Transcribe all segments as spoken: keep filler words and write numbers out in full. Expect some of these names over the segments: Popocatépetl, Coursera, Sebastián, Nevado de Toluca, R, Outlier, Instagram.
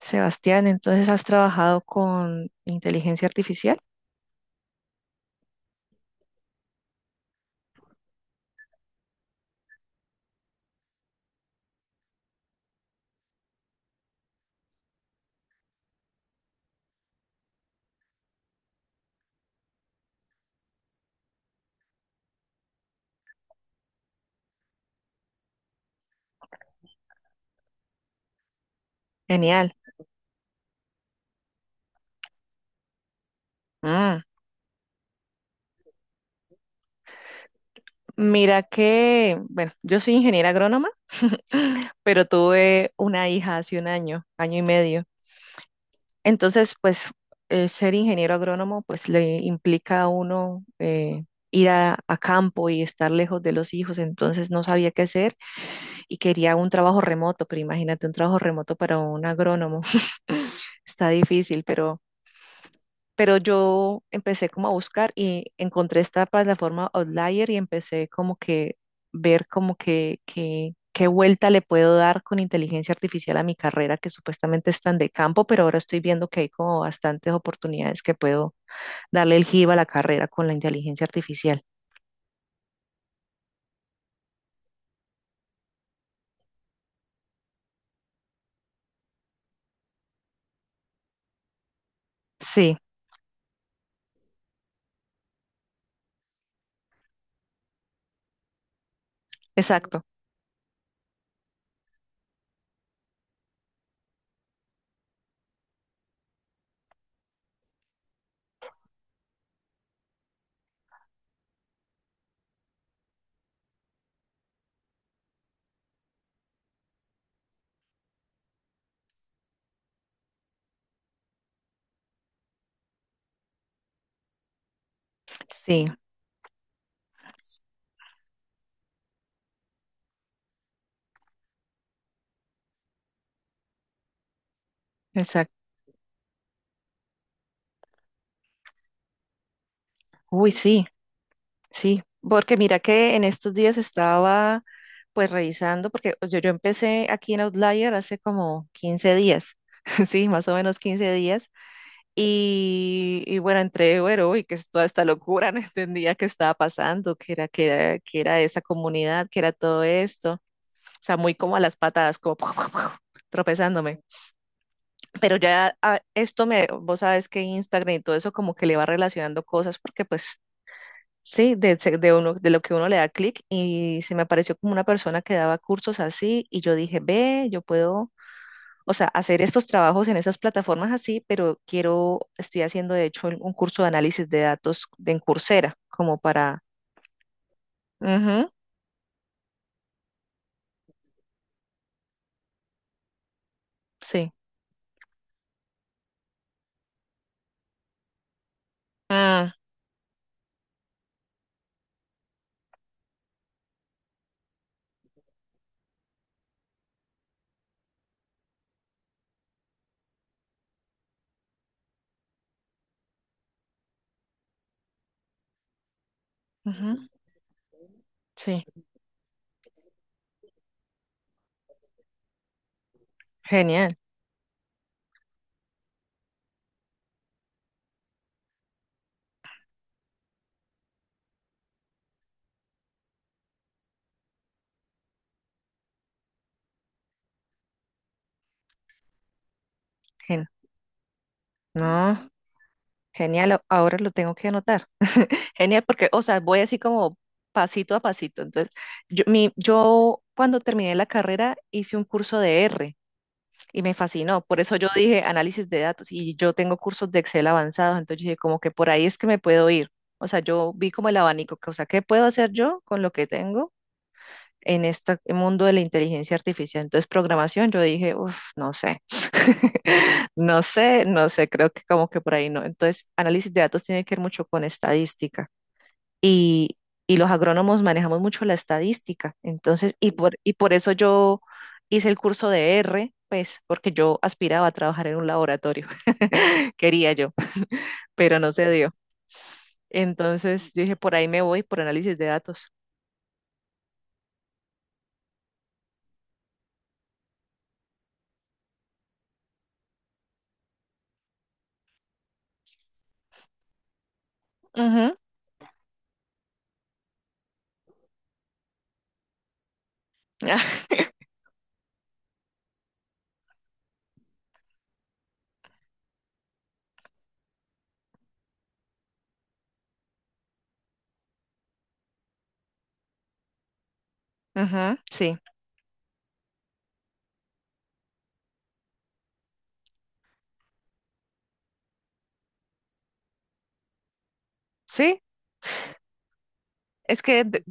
Sebastián, entonces has trabajado con inteligencia artificial. Genial. Mm. Mira que, bueno, yo soy ingeniera agrónoma pero tuve una hija hace un año, año y medio. Entonces, pues eh, ser ingeniero agrónomo, pues le implica a uno eh, ir a, a campo y estar lejos de los hijos. Entonces no sabía qué hacer y quería un trabajo remoto, pero imagínate un trabajo remoto para un agrónomo. Está difícil, pero pero yo empecé como a buscar y encontré esta plataforma Outlier y empecé como que ver como que, que- qué vuelta le puedo dar con inteligencia artificial a mi carrera, que supuestamente es tan de campo, pero ahora estoy viendo que hay como bastantes oportunidades que puedo darle el giro a la carrera con la inteligencia artificial. Sí, exacto. Sí, exacto. Uy, sí. Sí, porque mira que en estos días estaba pues revisando, porque yo, yo empecé aquí en Outlier hace como quince días, sí, más o menos quince días, y, y bueno, entré, bueno, uy, que es toda esta locura, no entendía qué estaba pasando, qué era, qué era, qué era esa comunidad, qué era todo esto, o sea, muy como a las patadas, como tropezándome. Pero ya ah, esto me, vos sabes que Instagram y todo eso como que le va relacionando cosas porque pues sí, de, se- de uno, de lo que uno le da clic y se me apareció como una persona que daba cursos así y yo dije, ve, yo puedo, o sea, hacer estos trabajos en esas plataformas así, pero quiero, estoy haciendo de hecho un curso de análisis de datos de en Coursera, como para... Ujú, sí. Ah, ujú, sí. Genial. gen- no, genial, a- ahora lo tengo que anotar. Genial, porque, o sea, voy así como pasito a pasito. Entonces, yo, mi, yo cuando terminé la carrera hice un curso de R, y me fascinó. Por eso yo dije análisis de datos y yo tengo cursos de Excel avanzados, entonces dije como que por ahí es que me puedo ir. O sea, yo vi como el abanico, que, o sea, ¿qué puedo hacer yo con lo que tengo en este mundo de la inteligencia artificial? Entonces, programación, yo dije, uff, no sé, no sé, no sé, creo que como que por ahí no. Entonces, análisis de datos tiene que ver mucho con estadística y, y los agrónomos manejamos mucho la estadística. Entonces, y por, y por eso yo hice el curso de R, pues, porque yo aspiraba a trabajar en un laboratorio, quería yo, pero no se dio. Entonces, yo dije, por ahí me voy, por análisis de datos. Ujú. Ujú, sí, sí, es que de-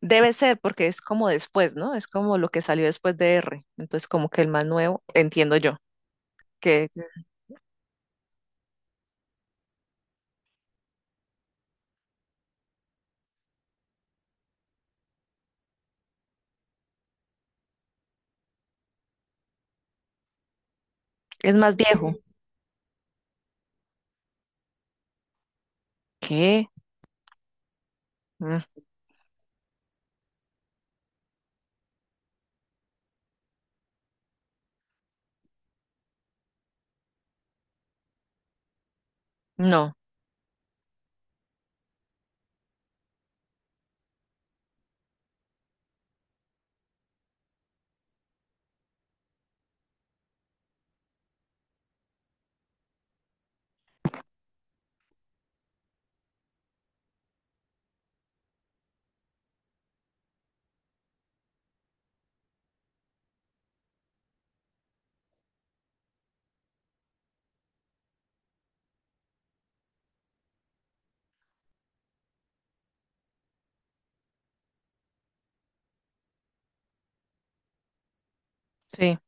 debe ser porque es como después, ¿no? Es como lo que salió después de R. Entonces, como que el más nuevo, entiendo yo, que es más viejo. ¿Qué? Mm, no, sí.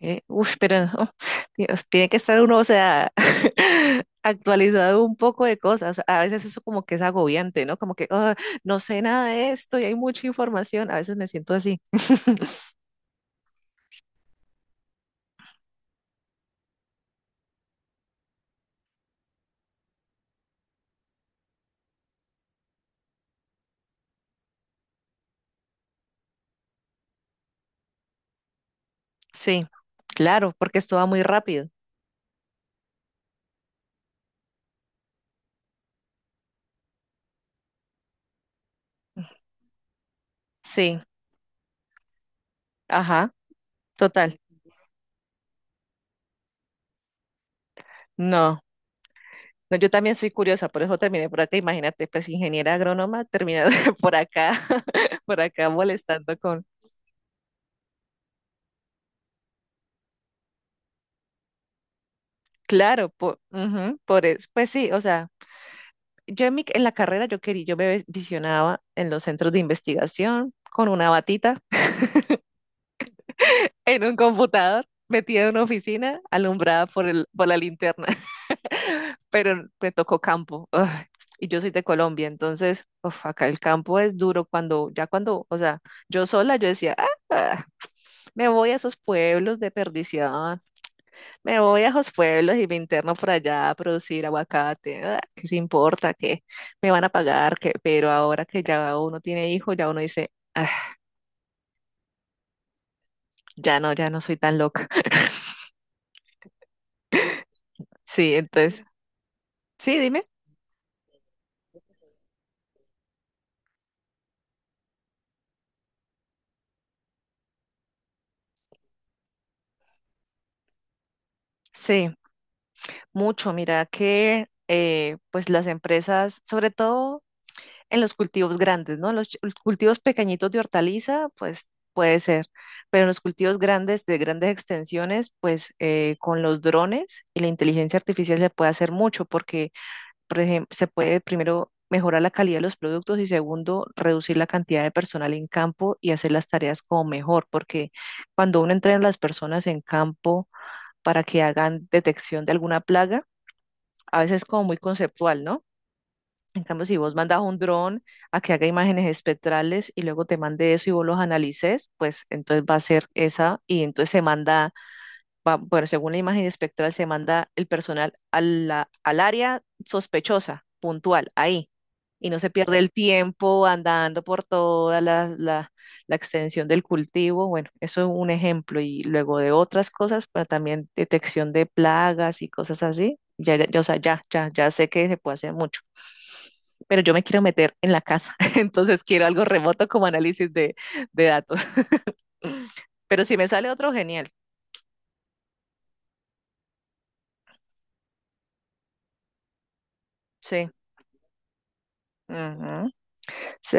Eh, uf, pero no, Dios, tiene que estar uno, o sea, actualizado un poco de cosas. A veces eso como que es agobiante, ¿no? Como que "Ah, no sé nada de esto y hay mucha información. A veces me siento así." Sí, claro, porque esto va muy rápido. Sí, ajá, total. No, no, yo también soy curiosa, por eso terminé por acá. Imagínate, pues ingeniera agrónoma terminada por acá, por acá molestando con. Claro, por, ujú, por es- pues sí, o sea. yo en, mi- en la carrera yo quería, yo me visionaba en los centros de investigación con una batita en un computador, metida en una oficina, alumbrada por el, por la linterna, pero me tocó campo. Ugh. Y yo soy de Colombia, entonces, uf, acá el campo es duro cuando, ya cuando, o sea, yo sola, yo decía, "Ah, ah, me voy a esos pueblos de perdición, me voy a los pueblos y me interno por allá a producir aguacate. Ah, ¿qué se importa? ¿Qué me van a pagar? ¿Qué?" Pero ahora que ya uno tiene hijo ya uno dice, "Ah, ya no, ya no soy tan loca." Sí, entonces, sí, dime. Sí, mucho. Mira que eh, pues las empresas, sobre todo en los cultivos grandes, ¿no? Los ch- los cultivos pequeñitos de hortaliza, pues puede ser, pero en los cultivos grandes de grandes extensiones, pues eh, con los drones y la inteligencia artificial se puede hacer mucho porque, por ejemplo, se puede primero mejorar la calidad de los productos y segundo, reducir la cantidad de personal en campo y hacer las tareas como mejor, porque cuando uno entrena a las personas en campo para que hagan detección de alguna plaga, a veces es como muy conceptual, ¿no? En cambio, si vos mandas un dron a que haga imágenes espectrales y luego te mande eso y vos los analices, pues entonces va a ser esa y entonces se manda va- bueno, según la imagen espectral, se manda el personal a la- al área sospechosa, puntual, ahí. Y no se pierde el tiempo andando por toda la, la- la extensión del cultivo. Bueno, eso es un ejemplo. Y luego de otras cosas, pero también detección de plagas y cosas así. Ya, ya, o sea, ya, ya, ya sé que se puede hacer mucho. Pero yo me quiero meter en la casa. Entonces quiero algo remoto como análisis de, de datos. Pero si me sale otro, genial. Sí. Ujú. Se